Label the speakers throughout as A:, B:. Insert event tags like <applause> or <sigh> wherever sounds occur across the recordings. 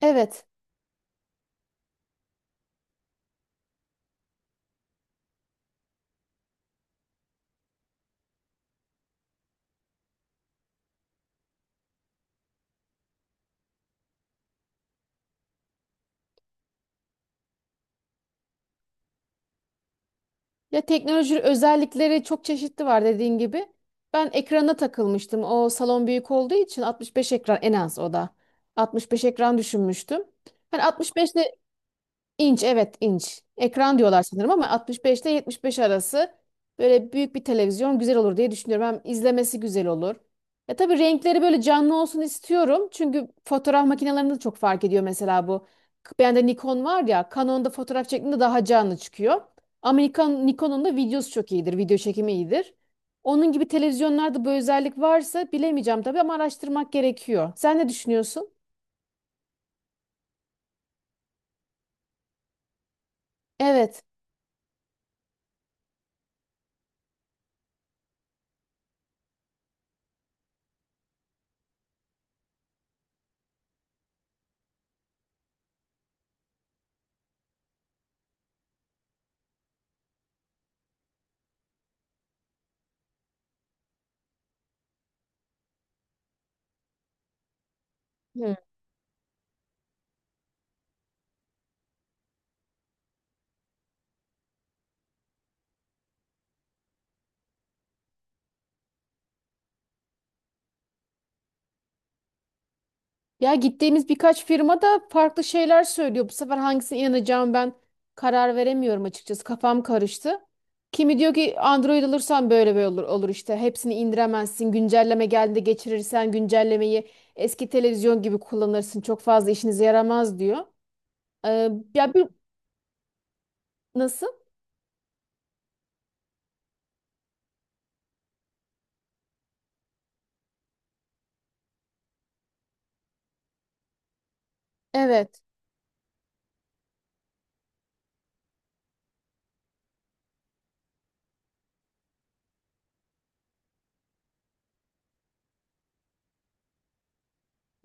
A: Evet. Ya teknoloji özellikleri çok çeşitli var dediğin gibi. Ben ekrana takılmıştım. O salon büyük olduğu için 65 ekran en az o da. 65 ekran düşünmüştüm. Hani 65 İnç evet, inç. Ekran diyorlar sanırım, ama 65 ile 75 arası böyle büyük bir televizyon güzel olur diye düşünüyorum. Hem izlemesi güzel olur. Ya tabii renkleri böyle canlı olsun istiyorum. Çünkü fotoğraf makinelerinde de çok fark ediyor, mesela bu. Bende Nikon var ya, Canon'da fotoğraf çektiğinde daha canlı çıkıyor. Ama Nikon, Nikon'un da videosu çok iyidir. Video çekimi iyidir. Onun gibi televizyonlarda bu özellik varsa bilemeyeceğim tabii, ama araştırmak gerekiyor. Sen ne düşünüyorsun? Evet. Ya gittiğimiz birkaç firma da farklı şeyler söylüyor. Bu sefer hangisine inanacağım ben, karar veremiyorum açıkçası. Kafam karıştı. Kimi diyor ki Android alırsan böyle böyle olur, olur işte. Hepsini indiremezsin. Güncelleme geldiğinde geçirirsen güncellemeyi eski televizyon gibi kullanırsın. Çok fazla işinize yaramaz diyor. Ee, Ya bir nasıl? Evet.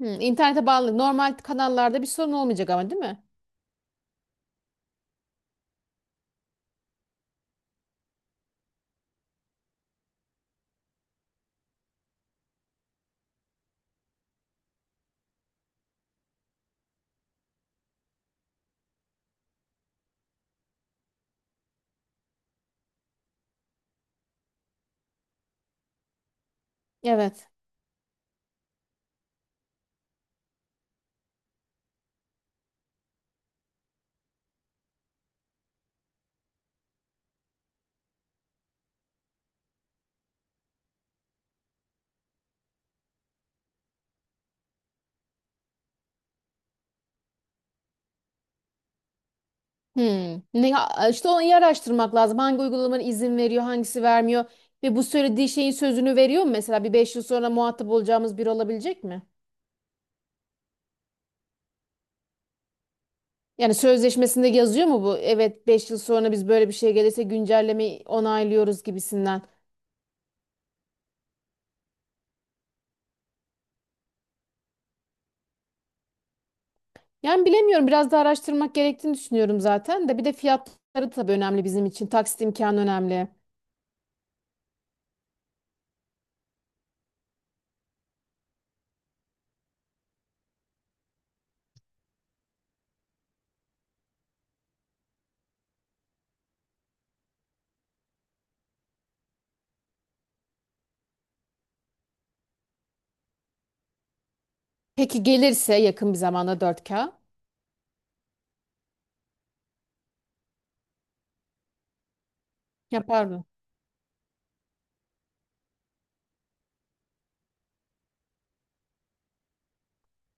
A: Hı, internete bağlı. Normal kanallarda bir sorun olmayacak, ama değil mi? Evet. Hmm. İşte onu iyi araştırmak lazım. Hangi uygulamanın izin veriyor, hangisi vermiyor ve bu söylediği şeyin sözünü veriyor mu? Mesela bir 5 yıl sonra muhatap olacağımız biri olabilecek mi? Yani sözleşmesinde yazıyor mu bu? Evet, 5 yıl sonra biz böyle bir şey gelirse güncellemeyi onaylıyoruz gibisinden. Yani bilemiyorum, biraz da araştırmak gerektiğini düşünüyorum zaten, de bir de fiyatları tabii önemli bizim için. Taksit imkanı önemli. Peki gelirse yakın bir zamanda 4K. Yapar.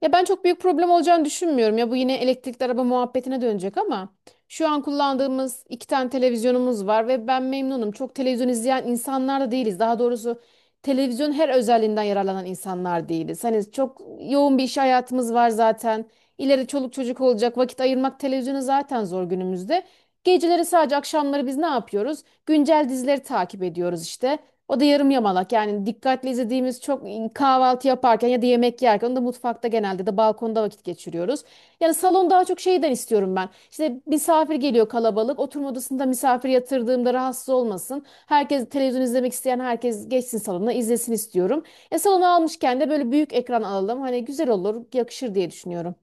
A: Ya ben çok büyük problem olacağını düşünmüyorum. Ya bu yine elektrikli araba muhabbetine dönecek, ama şu an kullandığımız 2 tane televizyonumuz var ve ben memnunum. Çok televizyon izleyen insanlar da değiliz. Daha doğrusu televizyon her özelliğinden yararlanan insanlar değiliz. Hani çok yoğun bir iş hayatımız var zaten. İleri çoluk çocuk olacak. Vakit ayırmak televizyona zaten zor günümüzde. Geceleri, sadece akşamları biz ne yapıyoruz? Güncel dizileri takip ediyoruz işte. O da yarım yamalak, yani dikkatli izlediğimiz çok, kahvaltı yaparken ya da yemek yerken, onu da mutfakta, genelde de balkonda vakit geçiriyoruz. Yani salon daha çok şeyden istiyorum ben. İşte misafir geliyor, kalabalık oturma odasında misafir yatırdığımda rahatsız olmasın. Herkes, televizyon izlemek isteyen herkes geçsin salona izlesin istiyorum. Salonu almışken de böyle büyük ekran alalım, hani güzel olur, yakışır diye düşünüyorum.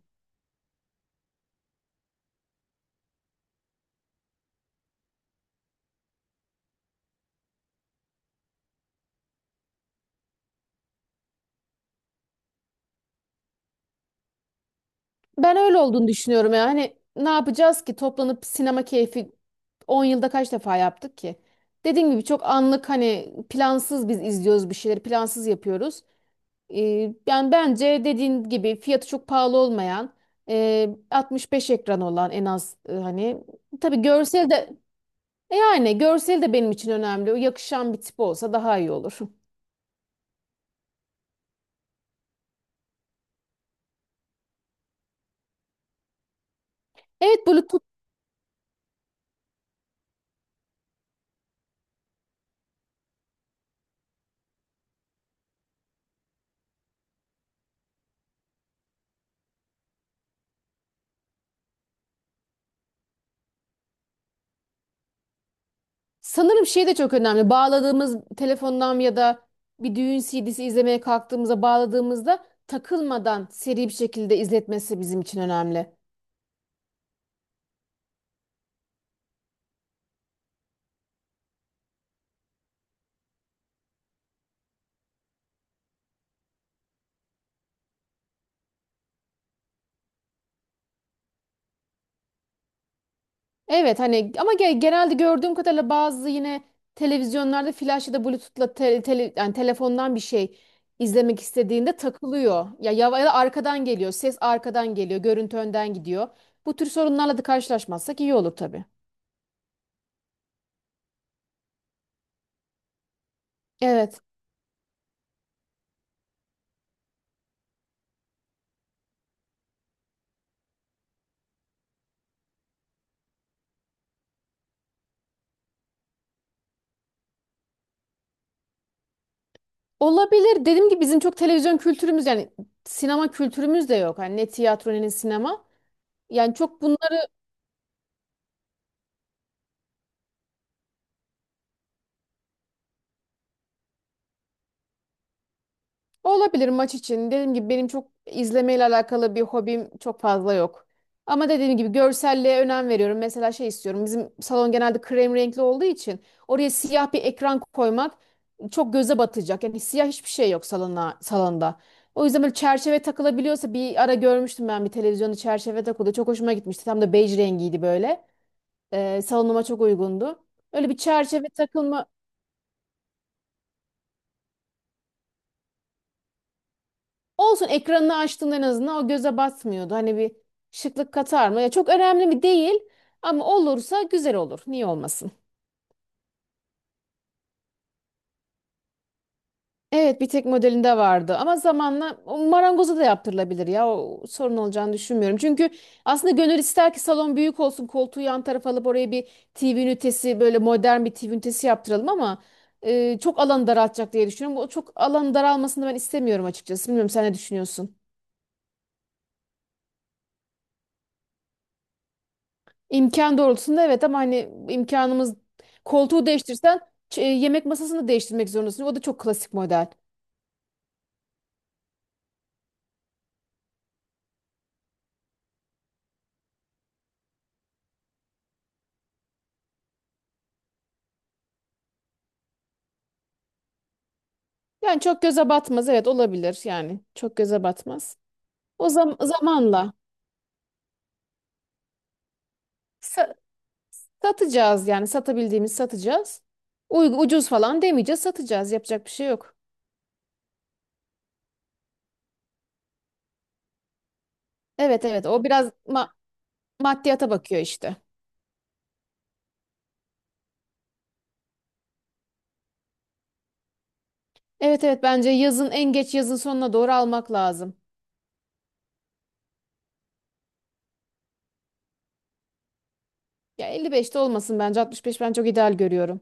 A: Ben öyle olduğunu düşünüyorum ya. Hani ne yapacağız ki, toplanıp sinema keyfi 10 yılda kaç defa yaptık ki? Dediğim gibi çok anlık, hani plansız biz izliyoruz, bir şeyleri plansız yapıyoruz. Yani bence dediğin gibi, fiyatı çok pahalı olmayan, 65 ekran olan en az, hani tabii görsel de, yani görsel de benim için önemli. O yakışan bir tip olsa daha iyi olur. <laughs> Evet, Bulut. Sanırım şey de çok önemli. Bağladığımız telefondan ya da bir düğün CD'si izlemeye kalktığımızda, bağladığımızda takılmadan seri bir şekilde izletmesi bizim için önemli. Evet, hani ama genelde gördüğüm kadarıyla bazı yine televizyonlarda flash ya da Bluetooth'la yani telefondan bir şey izlemek istediğinde takılıyor. Ya da arkadan geliyor. Ses arkadan geliyor. Görüntü önden gidiyor. Bu tür sorunlarla da karşılaşmazsak iyi olur tabii. Evet. Olabilir. Dediğim gibi bizim çok televizyon kültürümüz, yani sinema kültürümüz de yok. Hani ne tiyatro ne sinema. Yani çok bunları olabilir maç için. Dediğim gibi benim çok izlemeyle alakalı bir hobim çok fazla yok. Ama dediğim gibi, görselliğe önem veriyorum. Mesela şey istiyorum. Bizim salon genelde krem renkli olduğu için oraya siyah bir ekran koymak çok göze batacak. Yani siyah hiçbir şey yok salona, salonda. O yüzden böyle çerçeve takılabiliyorsa, bir ara görmüştüm ben bir televizyonda çerçeve takıldı. Çok hoşuma gitmişti. Tam da bej rengiydi böyle. Salonuma çok uygundu. Öyle bir çerçeve takılma olsun, ekranını açtığında en azından o göze batmıyordu. Hani bir şıklık katar mı? Ya çok önemli mi değil, ama olursa güzel olur. Niye olmasın? Evet, bir tek modelinde vardı ama zamanla o marangoza da yaptırılabilir ya, o sorun olacağını düşünmüyorum. Çünkü aslında gönül ister ki salon büyük olsun, koltuğu yan tarafa alıp oraya bir TV ünitesi, böyle modern bir TV ünitesi yaptıralım, ama çok alanı daraltacak diye düşünüyorum. O çok alanı daralmasını ben istemiyorum açıkçası. Bilmiyorum, sen ne düşünüyorsun? İmkan doğrultusunda evet, ama hani imkanımız, koltuğu değiştirsen yemek masasını değiştirmek zorundasın. O da çok klasik model. Yani çok göze batmaz, evet, olabilir, yani çok göze batmaz. O zamanla sa- satacağız, yani satabildiğimiz satacağız. Ucuz falan demeyeceğiz, satacağız, yapacak bir şey yok. Evet, evet, o biraz maddiyata bakıyor işte. Evet, evet, bence yazın, en geç yazın sonuna doğru almak lazım. Ya 55'te olmasın, bence 65 ben çok ideal görüyorum.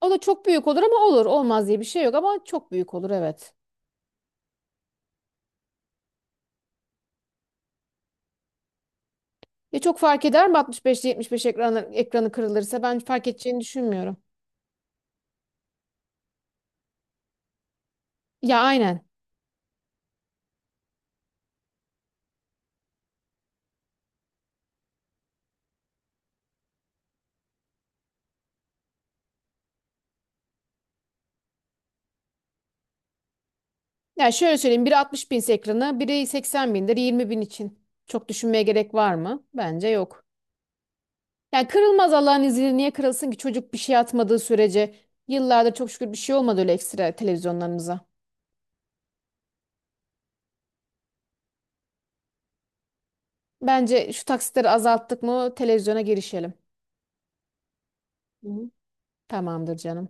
A: O da çok büyük olur, ama olur. Olmaz diye bir şey yok ama çok büyük olur, evet. Ya çok fark eder mi 65 ile 75 ekranı, ekranı kırılırsa ben fark edeceğini düşünmüyorum. Ya aynen. Ya şöyle söyleyeyim, biri 60 binse ekranı, biri 80 bindir, 20 bin için. Çok düşünmeye gerek var mı? Bence yok. Yani kırılmaz Allah'ın izniyle, niye kırılsın ki, çocuk bir şey atmadığı sürece yıllardır çok şükür bir şey olmadı öyle ekstra televizyonlarımıza. Bence şu taksitleri azalttık mı televizyona girişelim. Hı. Tamamdır canım.